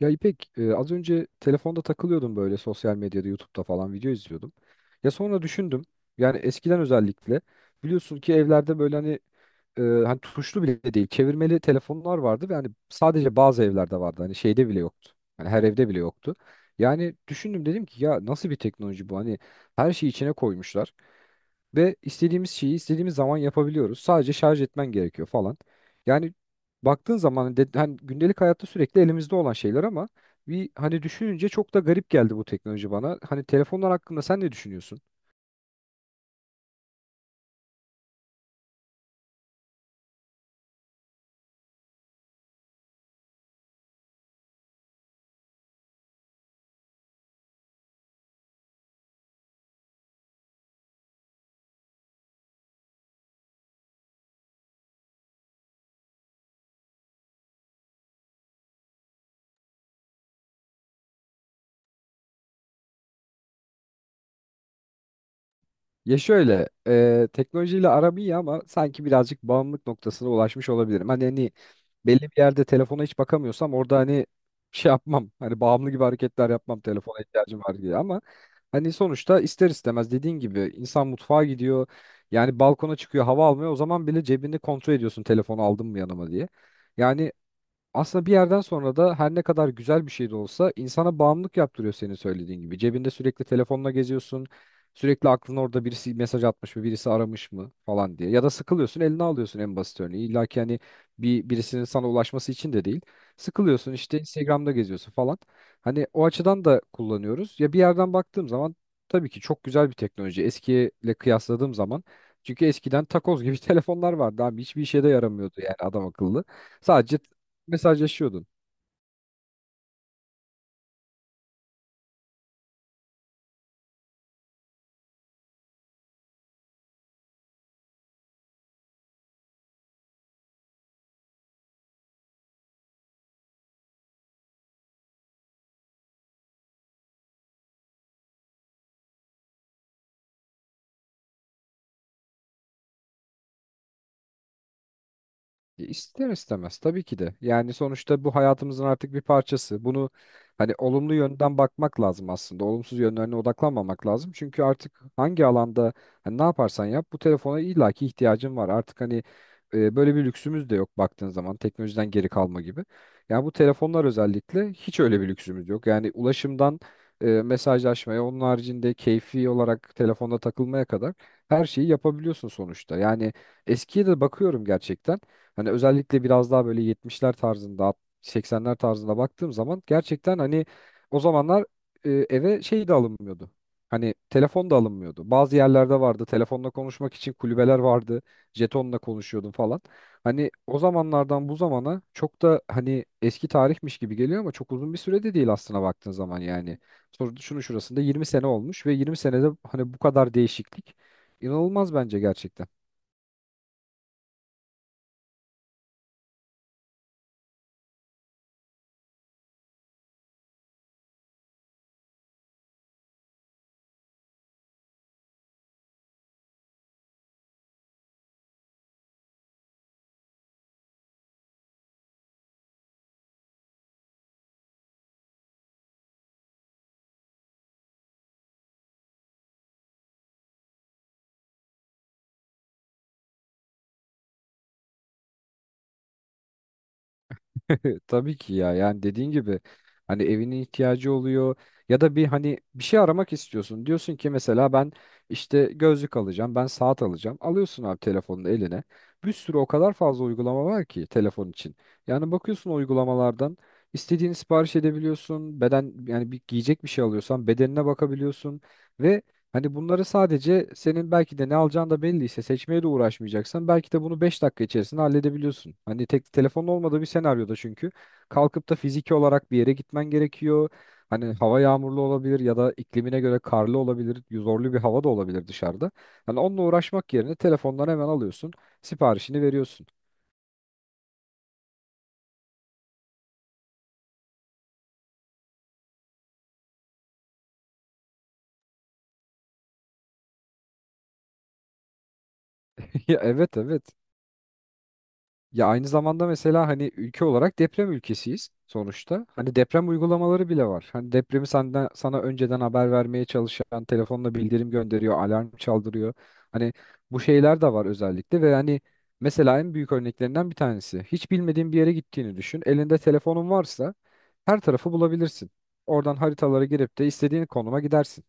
Ya İpek, az önce telefonda takılıyordum böyle sosyal medyada, YouTube'da falan video izliyordum. Ya sonra düşündüm. Yani eskiden özellikle biliyorsun ki evlerde böyle hani tuşlu bile değil, çevirmeli telefonlar vardı ve hani sadece bazı evlerde vardı. Hani şeyde bile yoktu. Hani her evde bile yoktu. Yani düşündüm dedim ki ya nasıl bir teknoloji bu? Hani her şeyi içine koymuşlar. Ve istediğimiz şeyi istediğimiz zaman yapabiliyoruz. Sadece şarj etmen gerekiyor falan. Yani baktığın zaman de, hani gündelik hayatta sürekli elimizde olan şeyler ama bir hani düşününce çok da garip geldi bu teknoloji bana. Hani telefonlar hakkında sen ne düşünüyorsun? Ya şöyle, teknolojiyle aram iyi ama sanki birazcık bağımlılık noktasına ulaşmış olabilirim. Hani belli bir yerde telefona hiç bakamıyorsam orada hani şey yapmam. Hani bağımlı gibi hareketler yapmam telefona ihtiyacım var diye ama hani sonuçta ister istemez dediğin gibi insan mutfağa gidiyor. Yani balkona çıkıyor hava almıyor. O zaman bile cebini kontrol ediyorsun telefonu aldım mı yanıma diye. Yani aslında bir yerden sonra da her ne kadar güzel bir şey de olsa insana bağımlılık yaptırıyor senin söylediğin gibi. Cebinde sürekli telefonla geziyorsun. Sürekli aklın orada birisi mesaj atmış mı, birisi aramış mı falan diye. Ya da sıkılıyorsun, eline alıyorsun en basit örneği. İlla ki hani bir birisinin sana ulaşması için de değil. Sıkılıyorsun işte Instagram'da geziyorsun falan. Hani o açıdan da kullanıyoruz. Ya bir yerden baktığım zaman tabii ki çok güzel bir teknoloji. Eskiyle kıyasladığım zaman çünkü eskiden takoz gibi telefonlar vardı abi. Hiçbir işe de yaramıyordu yani adam akıllı. Sadece mesajlaşıyordun. İster istemez tabii ki de. Yani sonuçta bu hayatımızın artık bir parçası. Bunu hani olumlu yönden bakmak lazım aslında. Olumsuz yönlerine odaklanmamak lazım. Çünkü artık hangi alanda hani ne yaparsan yap bu telefona illaki ihtiyacın var. Artık hani böyle bir lüksümüz de yok baktığın zaman teknolojiden geri kalma gibi. Yani bu telefonlar özellikle hiç öyle bir lüksümüz yok. Yani ulaşımdan mesajlaşmaya, onun haricinde keyfi olarak telefonda takılmaya kadar her şeyi yapabiliyorsun sonuçta. Yani eskiye de bakıyorum gerçekten. Hani özellikle biraz daha böyle 70'ler tarzında, 80'ler tarzında baktığım zaman gerçekten hani o zamanlar eve şey de alınmıyordu. Hani telefon da alınmıyordu. Bazı yerlerde vardı. Telefonla konuşmak için kulübeler vardı. Jetonla konuşuyordun falan. Hani o zamanlardan bu zamana çok da hani eski tarihmiş gibi geliyor ama çok uzun bir süre de değil aslına baktığın zaman yani. Sonra şunu şurasında 20 sene olmuş ve 20 senede hani bu kadar değişiklik inanılmaz bence gerçekten. Tabii ki ya yani dediğin gibi hani evinin ihtiyacı oluyor ya da bir hani bir şey aramak istiyorsun. Diyorsun ki mesela ben işte gözlük alacağım, ben saat alacağım. Alıyorsun abi telefonunu eline. Bir sürü o kadar fazla uygulama var ki telefon için. Yani bakıyorsun o uygulamalardan istediğini sipariş edebiliyorsun. Beden yani bir giyecek bir şey alıyorsan bedenine bakabiliyorsun ve hani bunları sadece senin belki de ne alacağın da belliyse seçmeye de uğraşmayacaksan belki de bunu 5 dakika içerisinde halledebiliyorsun. Hani tek telefonun olmadığı bir senaryoda çünkü kalkıp da fiziki olarak bir yere gitmen gerekiyor. Hani hava yağmurlu olabilir ya da iklimine göre karlı olabilir, zorlu bir hava da olabilir dışarıdan. Hani onunla uğraşmak yerine telefondan hemen alıyorsun, siparişini veriyorsun. Ya evet evet. Ya aynı zamanda mesela hani ülke olarak deprem ülkesiyiz sonuçta. Hani deprem uygulamaları bile var. Hani depremi senden, sana önceden haber vermeye çalışan telefonla bildirim gönderiyor, alarm çaldırıyor. Hani bu şeyler de var özellikle ve hani mesela en büyük örneklerinden bir tanesi. Hiç bilmediğin bir yere gittiğini düşün. Elinde telefonun varsa her tarafı bulabilirsin. Oradan haritalara girip de istediğin konuma gidersin.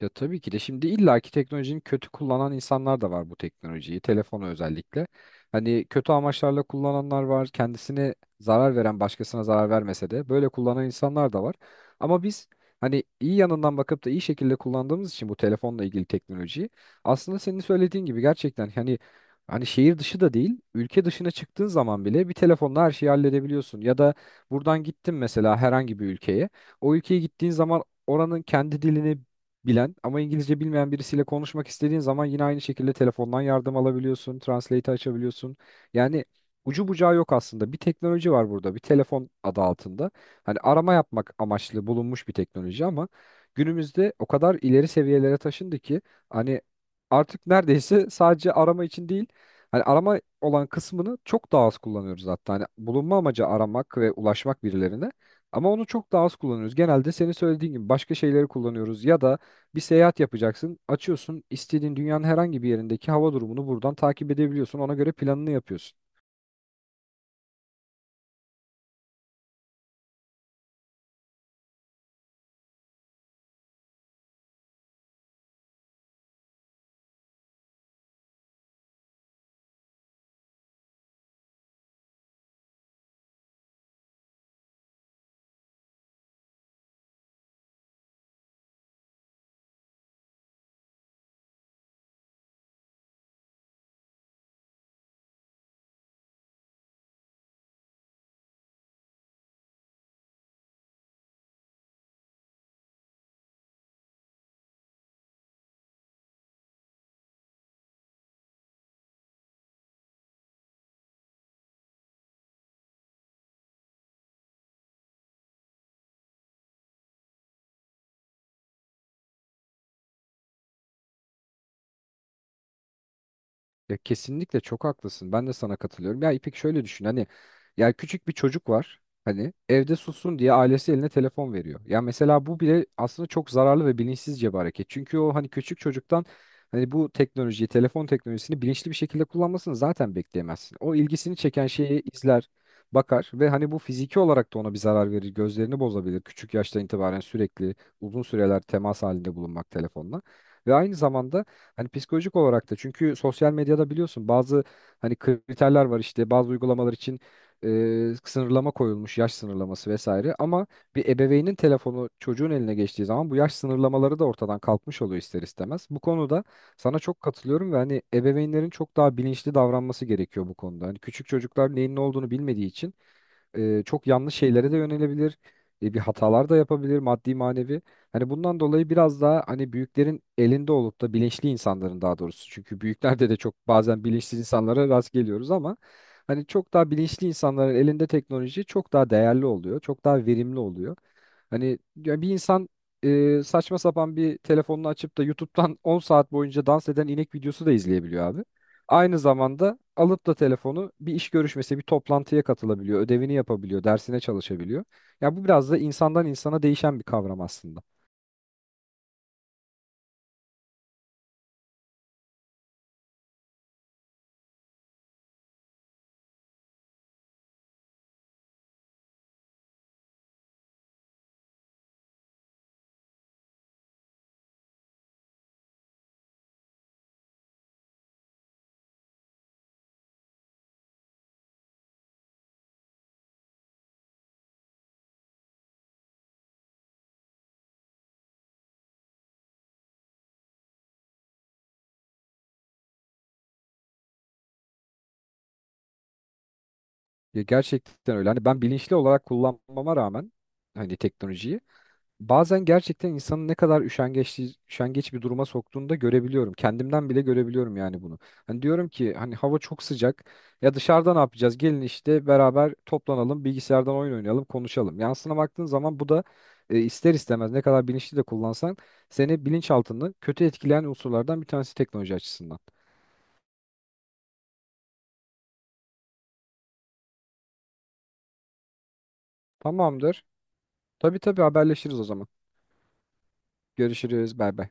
Ya tabii ki de şimdi illaki teknolojinin kötü kullanan insanlar da var bu teknolojiyi, telefonu özellikle. Hani kötü amaçlarla kullananlar var, kendisine zarar veren başkasına zarar vermese de böyle kullanan insanlar da var. Ama biz hani iyi yanından bakıp da iyi şekilde kullandığımız için bu telefonla ilgili teknolojiyi aslında senin söylediğin gibi gerçekten hani şehir dışı da değil, ülke dışına çıktığın zaman bile bir telefonla her şeyi halledebiliyorsun. Ya da buradan gittin mesela herhangi bir ülkeye. O ülkeye gittiğin zaman oranın kendi dilini bilen ama İngilizce bilmeyen birisiyle konuşmak istediğin zaman yine aynı şekilde telefondan yardım alabiliyorsun, translate açabiliyorsun. Yani ucu bucağı yok aslında. Bir teknoloji var burada, bir telefon adı altında. Hani arama yapmak amaçlı bulunmuş bir teknoloji ama günümüzde o kadar ileri seviyelere taşındı ki hani artık neredeyse sadece arama için değil. Hani arama olan kısmını çok daha az kullanıyoruz hatta. Hani bulunma amacı aramak ve ulaşmak birilerine. Ama onu çok daha az kullanıyoruz. Genelde senin söylediğin gibi başka şeyleri kullanıyoruz ya da bir seyahat yapacaksın. Açıyorsun istediğin dünyanın herhangi bir yerindeki hava durumunu buradan takip edebiliyorsun. Ona göre planını yapıyorsun. Ya kesinlikle çok haklısın. Ben de sana katılıyorum. Ya İpek şöyle düşün. Hani ya küçük bir çocuk var. Hani evde sussun diye ailesi eline telefon veriyor. Ya mesela bu bile aslında çok zararlı ve bilinçsizce bir hareket. Çünkü o hani küçük çocuktan hani bu teknolojiyi, telefon teknolojisini bilinçli bir şekilde kullanmasını zaten bekleyemezsin. O ilgisini çeken şeyi izler, bakar ve hani bu fiziki olarak da ona bir zarar verir. Gözlerini bozabilir. Küçük yaştan itibaren sürekli uzun süreler temas halinde bulunmak telefonla. Ve aynı zamanda hani psikolojik olarak da çünkü sosyal medyada biliyorsun bazı hani kriterler var işte bazı uygulamalar için sınırlama koyulmuş yaş sınırlaması vesaire ama bir ebeveynin telefonu çocuğun eline geçtiği zaman bu yaş sınırlamaları da ortadan kalkmış oluyor ister istemez. Bu konuda sana çok katılıyorum ve hani ebeveynlerin çok daha bilinçli davranması gerekiyor bu konuda. Hani küçük çocuklar neyin ne olduğunu bilmediği için çok yanlış şeylere de yönelebilir. Bir hatalar da yapabilir maddi manevi. Hani bundan dolayı biraz daha hani büyüklerin elinde olup da bilinçli insanların daha doğrusu. Çünkü büyüklerde de çok bazen bilinçsiz insanlara rast geliyoruz ama hani çok daha bilinçli insanların elinde teknoloji çok daha değerli oluyor. Çok daha verimli oluyor. Hani ya bir insan saçma sapan bir telefonunu açıp da YouTube'dan 10 saat boyunca dans eden inek videosu da izleyebiliyor abi. Aynı zamanda alıp da telefonu bir iş görüşmesi, bir toplantıya katılabiliyor, ödevini yapabiliyor, dersine çalışabiliyor. Ya bu biraz da insandan insana değişen bir kavram aslında. Ya gerçekten öyle. Hani ben bilinçli olarak kullanmama rağmen hani teknolojiyi bazen gerçekten insanın ne kadar üşengeç, bir duruma soktuğunu da görebiliyorum. Kendimden bile görebiliyorum yani bunu. Hani diyorum ki hani hava çok sıcak. Ya dışarıda ne yapacağız? Gelin işte beraber toplanalım, bilgisayardan oyun oynayalım, konuşalım. Yansına baktığın zaman bu da ister istemez ne kadar bilinçli de kullansan seni bilinçaltını kötü etkileyen unsurlardan bir tanesi teknoloji açısından. Tamamdır. Tabii tabii haberleşiriz o zaman. Görüşürüz. Bay bay.